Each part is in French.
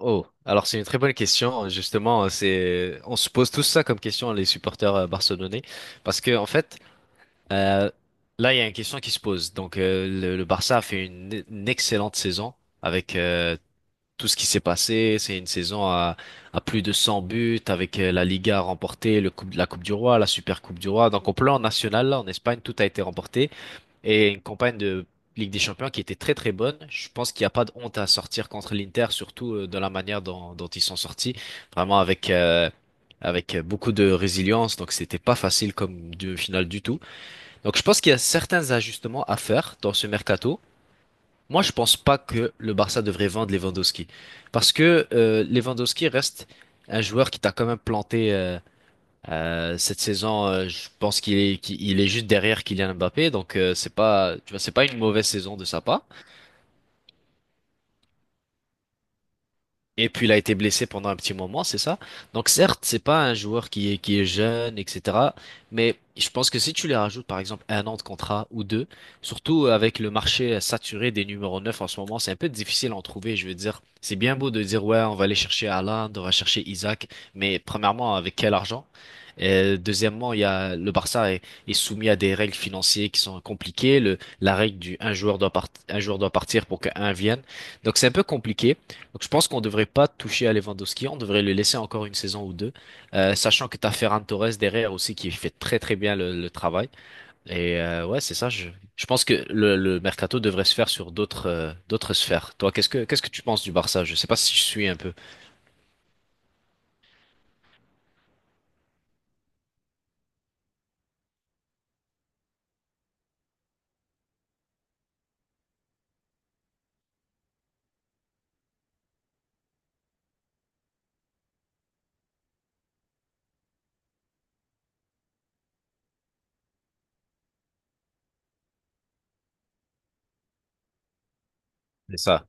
Oh, alors c'est une très bonne question. Justement, c'est on se pose tous ça comme question, les supporters barcelonais, parce que en fait euh, là il y a une question qui se pose. Donc le Barça a fait une excellente saison avec tout ce qui s'est passé. C'est une saison à plus de 100 buts, avec la Liga remportée, la Coupe du Roi, la Super Coupe du Roi. Donc au plan national là en Espagne, tout a été remporté, et une campagne de Ligue des Champions qui était très très bonne. Je pense qu'il n'y a pas de honte à sortir contre l'Inter, surtout de la manière dont ils sont sortis, vraiment avec beaucoup de résilience. Donc c'était pas facile comme demi-finale du tout. Donc je pense qu'il y a certains ajustements à faire dans ce mercato. Moi, je pense pas que le Barça devrait vendre Lewandowski, parce que Lewandowski reste un joueur qui t'a quand même planté. Cette saison, je pense qu'il est, qu'il il est juste derrière Kylian Mbappé. Donc c'est pas, tu vois, c'est pas une mauvaise saison de sa part. Et puis il a été blessé pendant un petit moment, c'est ça? Donc certes, c'est pas un joueur qui est jeune, etc. Mais je pense que si tu les rajoutes par exemple un an de contrat ou deux, surtout avec le marché saturé des numéros 9 en ce moment, c'est un peu difficile à en trouver, je veux dire. C'est bien beau de dire ouais, on va aller chercher Haaland, on va chercher Isaac, mais premièrement, avec quel argent? Et deuxièmement, il y a le Barça est soumis à des règles financières qui sont compliquées. Le, la règle du un joueur un joueur doit partir pour qu'un vienne. Donc c'est un peu compliqué. Donc je pense qu'on ne devrait pas toucher à Lewandowski, on devrait le laisser encore une saison ou deux. Sachant que t'as Ferran Torres derrière aussi qui fait très très bien le travail. Et ouais, c'est ça. Je pense que le mercato devrait se faire sur d'autres sphères. Toi, qu'est-ce que tu penses du Barça? Je sais pas si je suis un peu. C'est ça.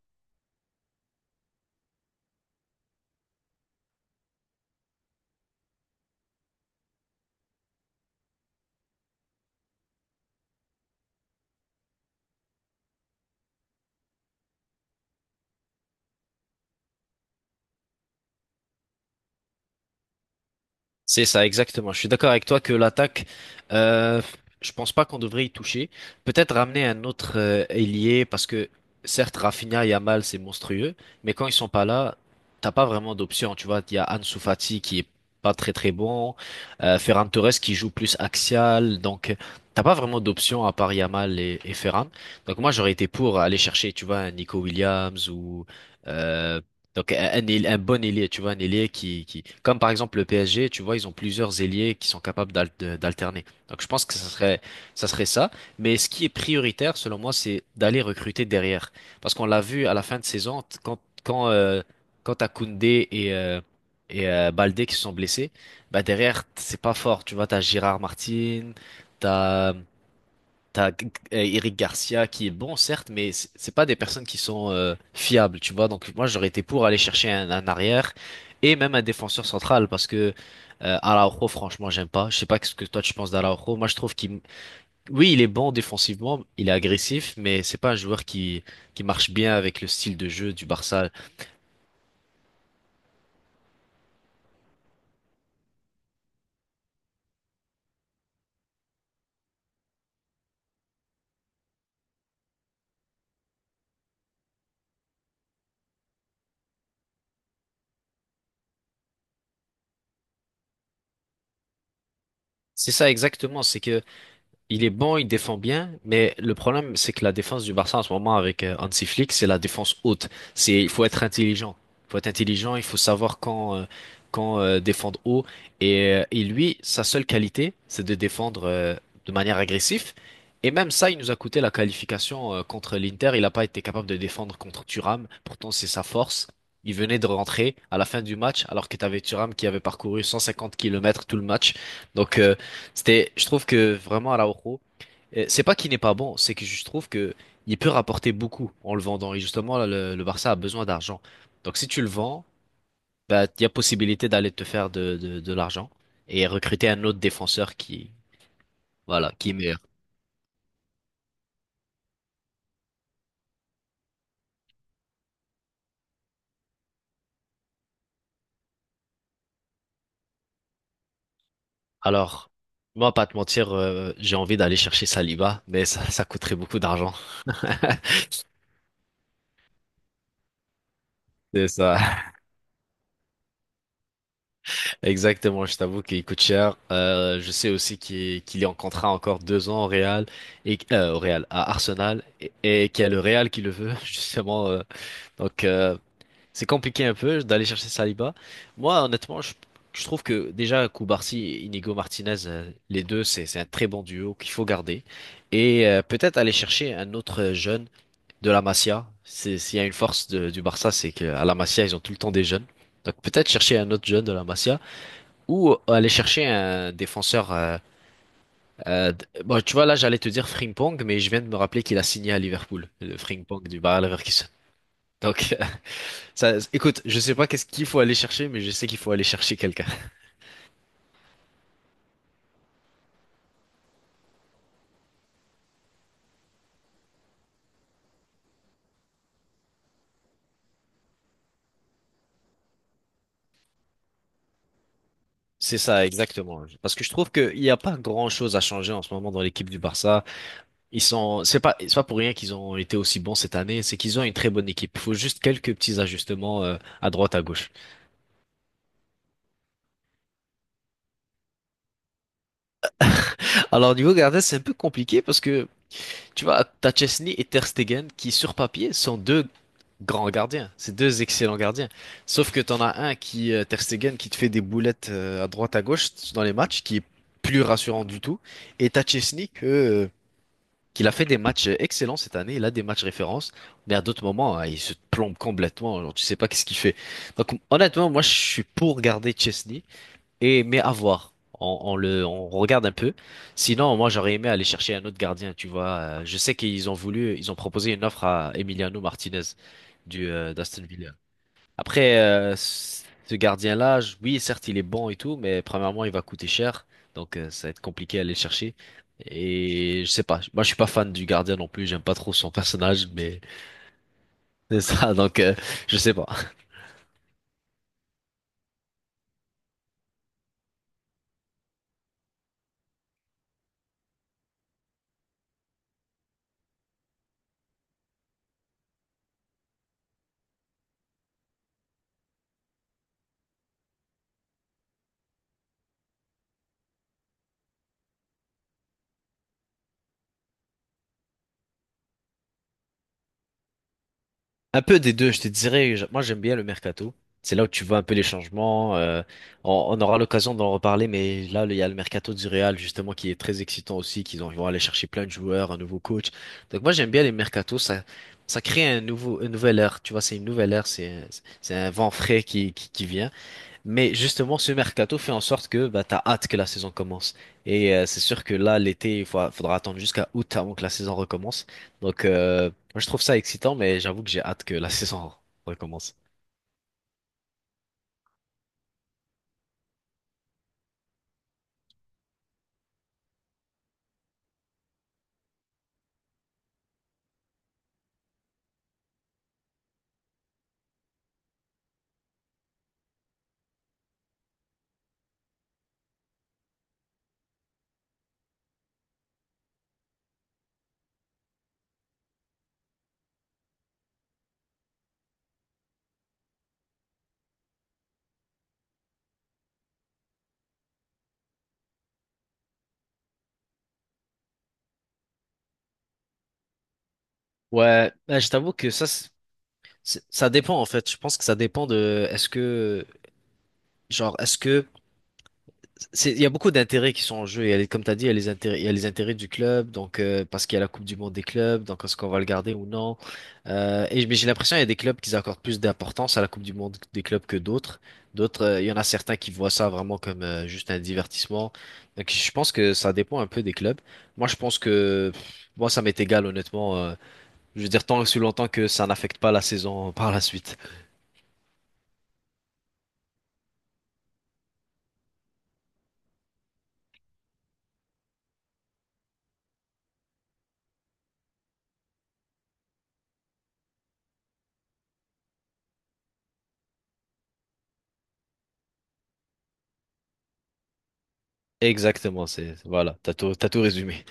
C'est ça, exactement. Je suis d'accord avec toi que l'attaque, euh, je pense pas qu'on devrait y toucher. Peut-être ramener un autre ailier, parce que certes Rafinha et Yamal c'est monstrueux, mais quand ils sont pas là, t'as pas vraiment d'option. Tu vois, il y a Ansu Fati qui est pas très très bon, Ferran Torres qui joue plus axial. Donc t'as pas vraiment d'option à part Yamal et Ferran. Donc moi j'aurais été pour aller chercher, tu vois, un Nico Williams ou euh, donc un bon ailier, tu vois, un ailier comme par exemple le PSG, tu vois, ils ont plusieurs ailiers qui sont capables d'alterner. Donc je pense que ça serait ça. Mais ce qui est prioritaire, selon moi, c'est d'aller recruter derrière. Parce qu'on l'a vu à la fin de saison, quand t'as Koundé et Baldé qui se sont blessés, bah derrière, c'est pas fort. Tu vois, t'as Gérard Martin, t'as T'as Eric Garcia qui est bon, certes, mais c'est pas des personnes qui sont fiables, tu vois. Donc moi, j'aurais été pour aller chercher un arrière et même un défenseur central, parce que Araujo, franchement, j'aime pas. Je sais pas ce que toi tu penses d'Araujo. Moi, je trouve oui, il est bon défensivement, il est agressif, mais c'est pas un joueur qui marche bien avec le style de jeu du Barça. C'est ça exactement. C'est que Il est bon, il défend bien, mais le problème, c'est que la défense du Barça en ce moment, avec Hansi Flick, c'est la défense haute. Il faut être intelligent. Il faut être intelligent, il faut savoir quand défendre haut. Et lui, sa seule qualité, c'est de défendre de manière agressive. Et même ça, il nous a coûté la qualification contre l'Inter. Il n'a pas été capable de défendre contre Thuram. Pourtant, c'est sa force. Il venait de rentrer à la fin du match, alors que tu avais Thuram qui avait parcouru 150 kilomètres tout le match. Donc, je trouve que vraiment Araujo, c'est pas qu'il n'est pas bon, c'est que je trouve que il peut rapporter beaucoup en le vendant. Et justement, là, le Barça a besoin d'argent. Donc si tu le vends, bah, il y a possibilité d'aller te faire de l'argent et recruter un autre défenseur qui, voilà, qui est meilleur. Alors, moi, pas te mentir, j'ai envie d'aller chercher Saliba, mais ça coûterait beaucoup d'argent. C'est ça. Exactement, je t'avoue qu'il coûte cher. Je sais aussi qu'il est en contrat encore 2 ans au Real et au Real à Arsenal, et qu'il y a le Real qui le veut justement. Donc c'est compliqué un peu d'aller chercher Saliba. Moi, honnêtement, je trouve que déjà Koubarsi et Inigo Martinez, les deux, c'est un très bon duo qu'il faut garder. Et peut-être aller chercher un autre jeune de la Masia. C'est S'il y a une force du Barça, c'est qu'à la Masia ils ont tout le temps des jeunes. Donc peut-être chercher un autre jeune de la Masia, ou aller chercher un défenseur. Bon, tu vois, là, j'allais te dire Frimpong, mais je viens de me rappeler qu'il a signé à Liverpool, le Frimpong du Bayer Leverkusen. Donc, ça, écoute, je sais pas qu'est-ce qu'il faut aller chercher, mais je sais qu'il faut aller chercher quelqu'un. C'est ça, exactement. Parce que je trouve qu'il n'y a pas grand-chose à changer en ce moment dans l'équipe du Barça. C'est pas, c'est pas pour rien qu'ils ont été aussi bons cette année, c'est qu'ils ont une très bonne équipe. Il faut juste quelques petits ajustements, à droite, à gauche. Alors, au niveau gardien, c'est un peu compliqué parce que tu vois, t'as Chesney et Ter Stegen qui, sur papier, sont deux grands gardiens. C'est deux excellents gardiens. Sauf que t'en as un Ter Stegen, qui te fait des boulettes à droite à gauche dans les matchs, qui est plus rassurant du tout. Et t'as Chesney qu'il a fait des matchs excellents cette année. Il a des matchs références. Mais à d'autres moments, hein, il se plombe complètement. Genre, tu sais pas qu'est-ce qu'il fait. Donc, honnêtement, moi, je suis pour garder Chesney. Et mais à voir. On regarde un peu. Sinon, moi, j'aurais aimé aller chercher un autre gardien, tu vois. Je sais ils ont proposé une offre à Emiliano Martinez du d'Aston Villa. Après, ce gardien-là, oui, certes, il est bon et tout, mais premièrement, il va coûter cher. Donc ça va être compliqué à aller le chercher. Et je sais pas. Moi, je suis pas fan du gardien non plus. J'aime pas trop son personnage, mais c'est ça. Donc, je sais pas. Un peu des deux, je te dirais. Moi, j'aime bien le mercato. C'est là où tu vois un peu les changements. On aura l'occasion d'en reparler, mais là, il y a le mercato du Real, justement, qui est très excitant aussi, ils vont aller chercher plein de joueurs, un nouveau coach. Donc moi, j'aime bien les mercatos. Ça crée une nouvelle ère. Tu vois, c'est une nouvelle ère. C'est un vent frais qui vient. Mais justement, ce mercato fait en sorte que bah, t'as hâte que la saison commence. Et c'est sûr que là, l'été, faudra attendre jusqu'à août avant que la saison recommence. Donc, moi, je trouve ça excitant, mais j'avoue que j'ai hâte que la saison recommence. Ouais, bah, je t'avoue que ça, ça dépend en fait. Je pense que ça dépend est-ce que, genre, est-ce que il y a beaucoup d'intérêts qui sont en jeu. Il y a les- Comme tu as dit, il y a les intérêts, il y a les intérêts du club. Donc parce qu'il y a la Coupe du Monde des clubs, donc est-ce qu'on va le garder ou non. Et mais j'ai l'impression qu'il y a des clubs qui accordent plus d'importance à la Coupe du Monde des clubs que d'autres. D'autres, il y en a certains qui voient ça vraiment comme juste un divertissement. Donc je pense que ça dépend un peu des clubs. Moi, je pense que pff, moi, ça m'est égal honnêtement. Je veux dire tant sous longtemps que ça n'affecte pas la saison par la suite. Exactement, c'est voilà, t'as tout résumé.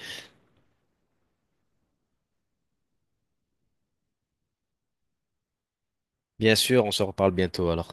Bien sûr, on se reparle bientôt alors.